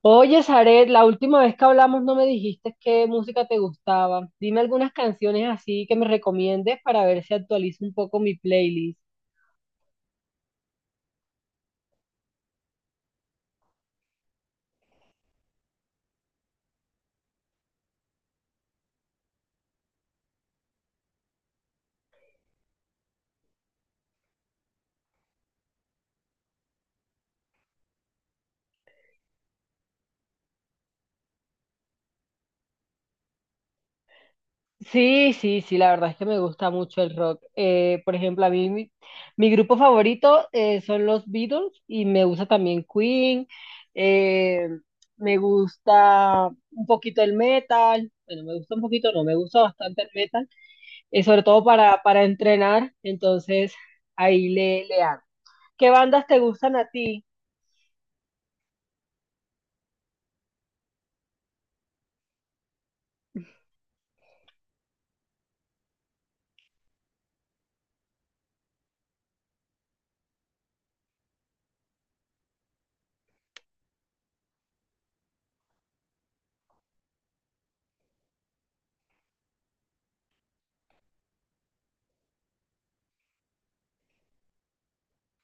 Oye, Zaret, la última vez que hablamos no me dijiste qué música te gustaba. Dime algunas canciones así que me recomiendes para ver si actualizo un poco mi playlist. Sí, sí, sí, la verdad es que me gusta mucho el rock. Por ejemplo, a mí mi grupo favorito son los Beatles y me gusta también Queen. eh, Me gusta un poquito el metal. Bueno, me gusta un poquito, no, me gusta bastante el metal, sobre todo para entrenar. Entonces, ahí le hago. ¿Qué bandas te gustan a ti?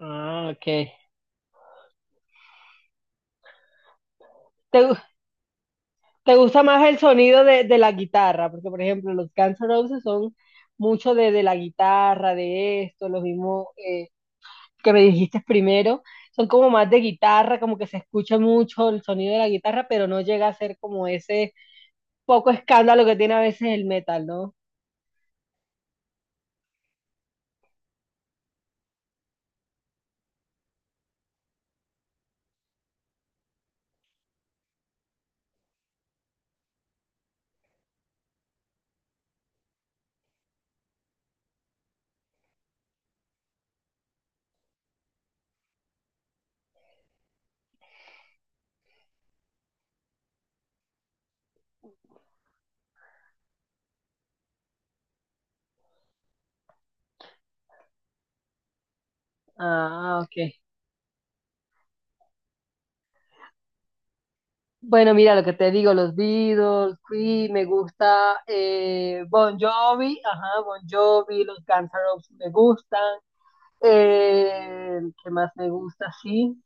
Ah, ok. ¿Te, gu- te gusta más el sonido de, la guitarra? Porque, por ejemplo, los Guns N' Roses son mucho de la guitarra, de esto, los mismos que me dijiste primero. Son como más de guitarra, como que se escucha mucho el sonido de la guitarra, pero no llega a ser como ese poco escándalo que tiene a veces el metal, ¿no? Ah, ok. Bueno, mira lo que te digo, los Beatles, Queen, me gusta Bon Jovi, ajá, Bon Jovi, los Guns N' Roses me gustan. ¿Qué más me gusta? Sí.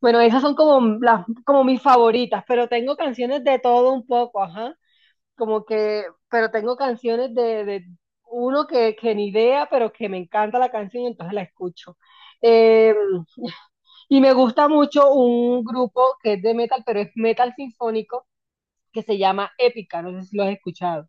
Bueno, esas son como mis favoritas, pero tengo canciones de todo un poco, ajá. Como que, pero tengo canciones de, uno que ni idea, pero que me encanta la canción, entonces la escucho. Eh, y me gusta mucho un grupo que es de metal, pero es metal sinfónico que se llama Épica, no sé si lo has escuchado.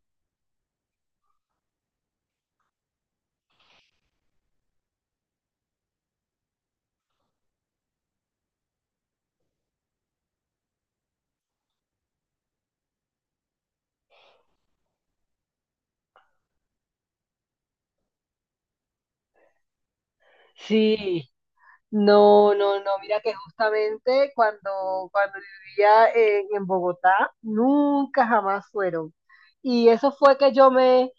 Sí, no, no, no, mira que justamente cuando vivía en Bogotá, nunca jamás fueron. Y eso fue que yo me,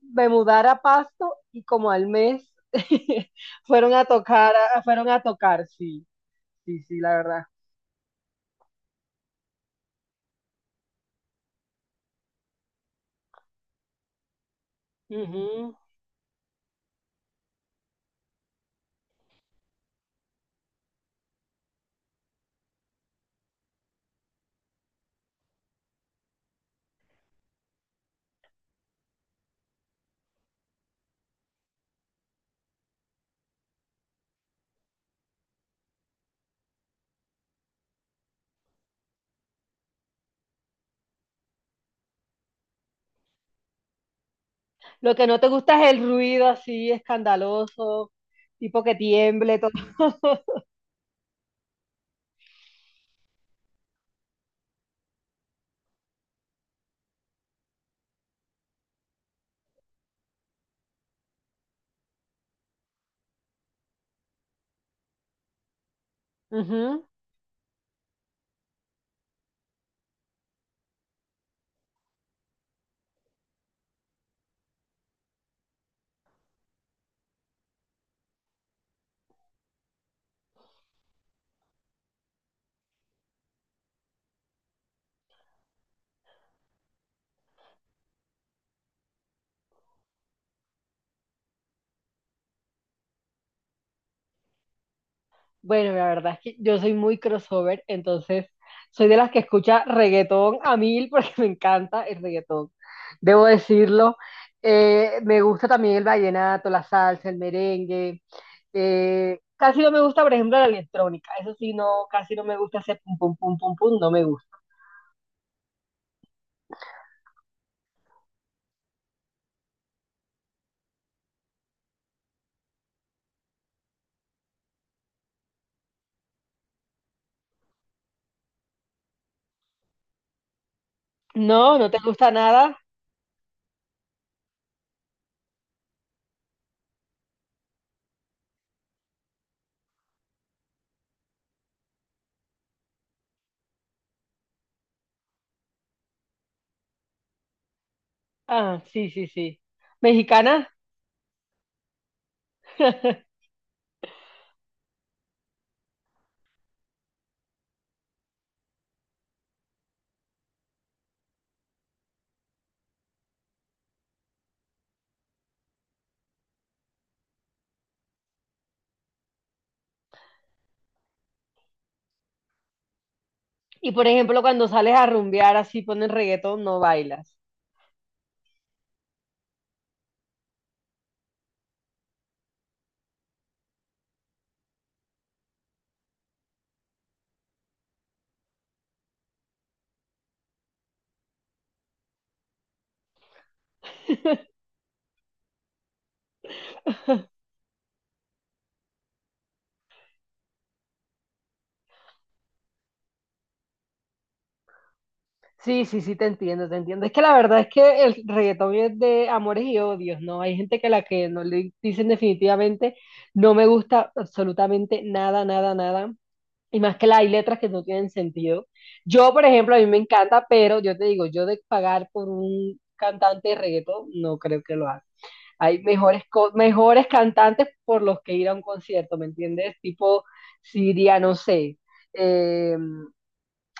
me mudara a Pasto y como al mes fueron a tocar, sí, sí, sí, la verdad. Ujú. Lo que no te gusta es el ruido así escandaloso, tipo que tiemble, todo. Ujú. Bueno, la verdad es que yo soy muy crossover, entonces soy de las que escucha reggaetón a mil porque me encanta el reggaetón, debo decirlo. Me gusta también el vallenato, la salsa, el merengue. Casi no me gusta, por ejemplo, la electrónica. Eso sí, no, casi no me gusta hacer pum, pum, pum, pum, pum, no me gusta. No, no te gusta nada. Ah, sí, sí, sí. ¿Mexicana? Y por ejemplo, cuando sales a rumbear así ponen reggaetón, no bailas. Sí, sí, sí, te entiendo, te entiendo. Es que la verdad es que el reggaetón es de amores y odios, ¿no? Hay gente que a la que no le dicen definitivamente, no me gusta absolutamente nada, nada, nada. Y más que la, hay letras que no tienen sentido. Yo, por ejemplo, a mí me encanta, pero yo te digo, yo de pagar por un cantante de reggaetón, no creo que lo haga. Hay mejores cantantes por los que ir a un concierto, ¿me entiendes? Tipo, si iría, no sé. em,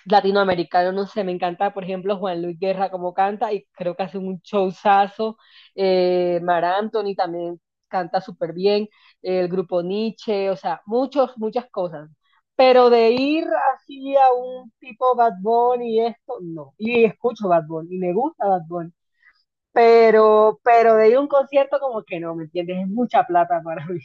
Latinoamericano, no sé, me encanta, por ejemplo, Juan Luis Guerra como canta y creo que hace un showzazo. Mar Anthony también canta súper bien, el grupo Nietzsche, o sea, muchos, muchas cosas. Pero de ir así a un tipo Bad Bunny y esto, no. Y escucho Bad Bunny y me gusta Bad Bunny. Pero de ir a un concierto como que no, ¿me entiendes? Es mucha plata para mí.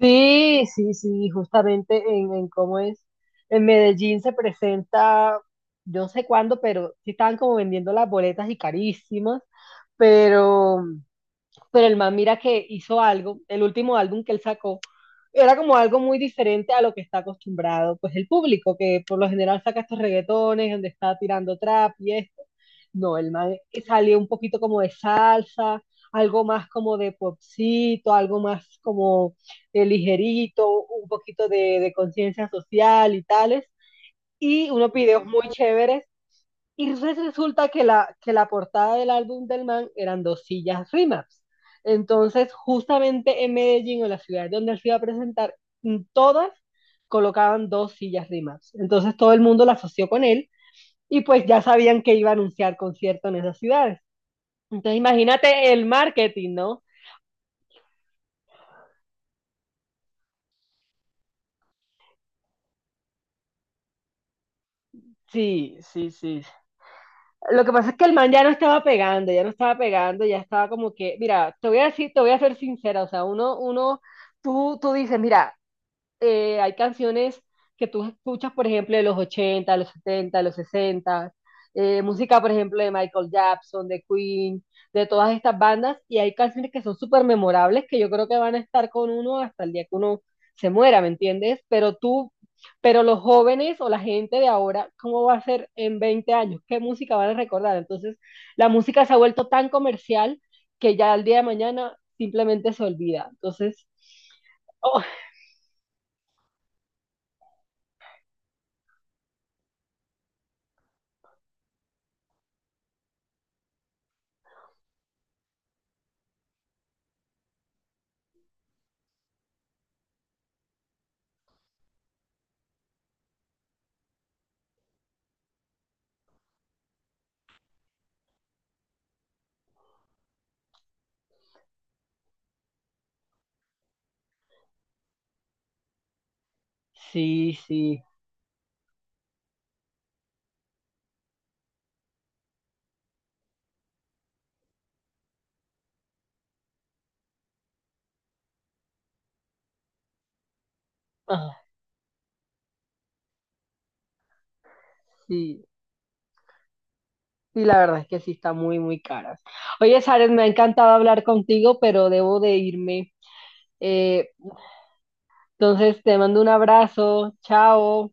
Sí, sí, sí, justamente en cómo es. En Medellín se presenta, yo no sé cuándo, pero sí estaban como vendiendo las boletas y carísimas, pero el man mira que hizo algo, el último álbum que él sacó, era como algo muy diferente a lo que está acostumbrado, pues el público, que por lo general saca estos reggaetones, donde está tirando trap y esto. No, el man salió un poquito como de salsa, algo más como de popcito, algo más como de ligerito, un poquito de, conciencia social y tales. Y unos videos muy chéveres y resulta que que la portada del álbum del man eran dos sillas Rimax. Entonces, justamente en Medellín, o en la ciudad donde él se iba a presentar, en todas colocaban dos sillas Rimax. Entonces, todo el mundo la asoció con él y pues ya sabían que iba a anunciar concierto en esas ciudades. Entonces, imagínate el marketing, ¿no? Sí, sí, sí. Lo que pasa es que el man ya no estaba pegando, ya no estaba pegando, ya estaba como que, mira, te voy a decir, te voy a ser sincera, o sea, uno, tú dices, mira, hay canciones que tú escuchas, por ejemplo, de los 80, de los 70, de los 60, música, por ejemplo, de Michael Jackson, de Queen, de todas estas bandas, y hay canciones que son súper memorables que yo creo que van a estar con uno hasta el día que uno se muera, ¿me entiendes? Pero los jóvenes o la gente de ahora, ¿cómo va a ser en 20 años? ¿Qué música van a recordar? Entonces, la música se ha vuelto tan comercial que ya al día de mañana simplemente se olvida. Entonces, o sí, sí. Ah, sí. Sí, la verdad es que sí está muy, muy caras. Oye, Sares, me ha encantado hablar contigo, pero debo de irme. Eh, entonces, te mando un abrazo. Chao.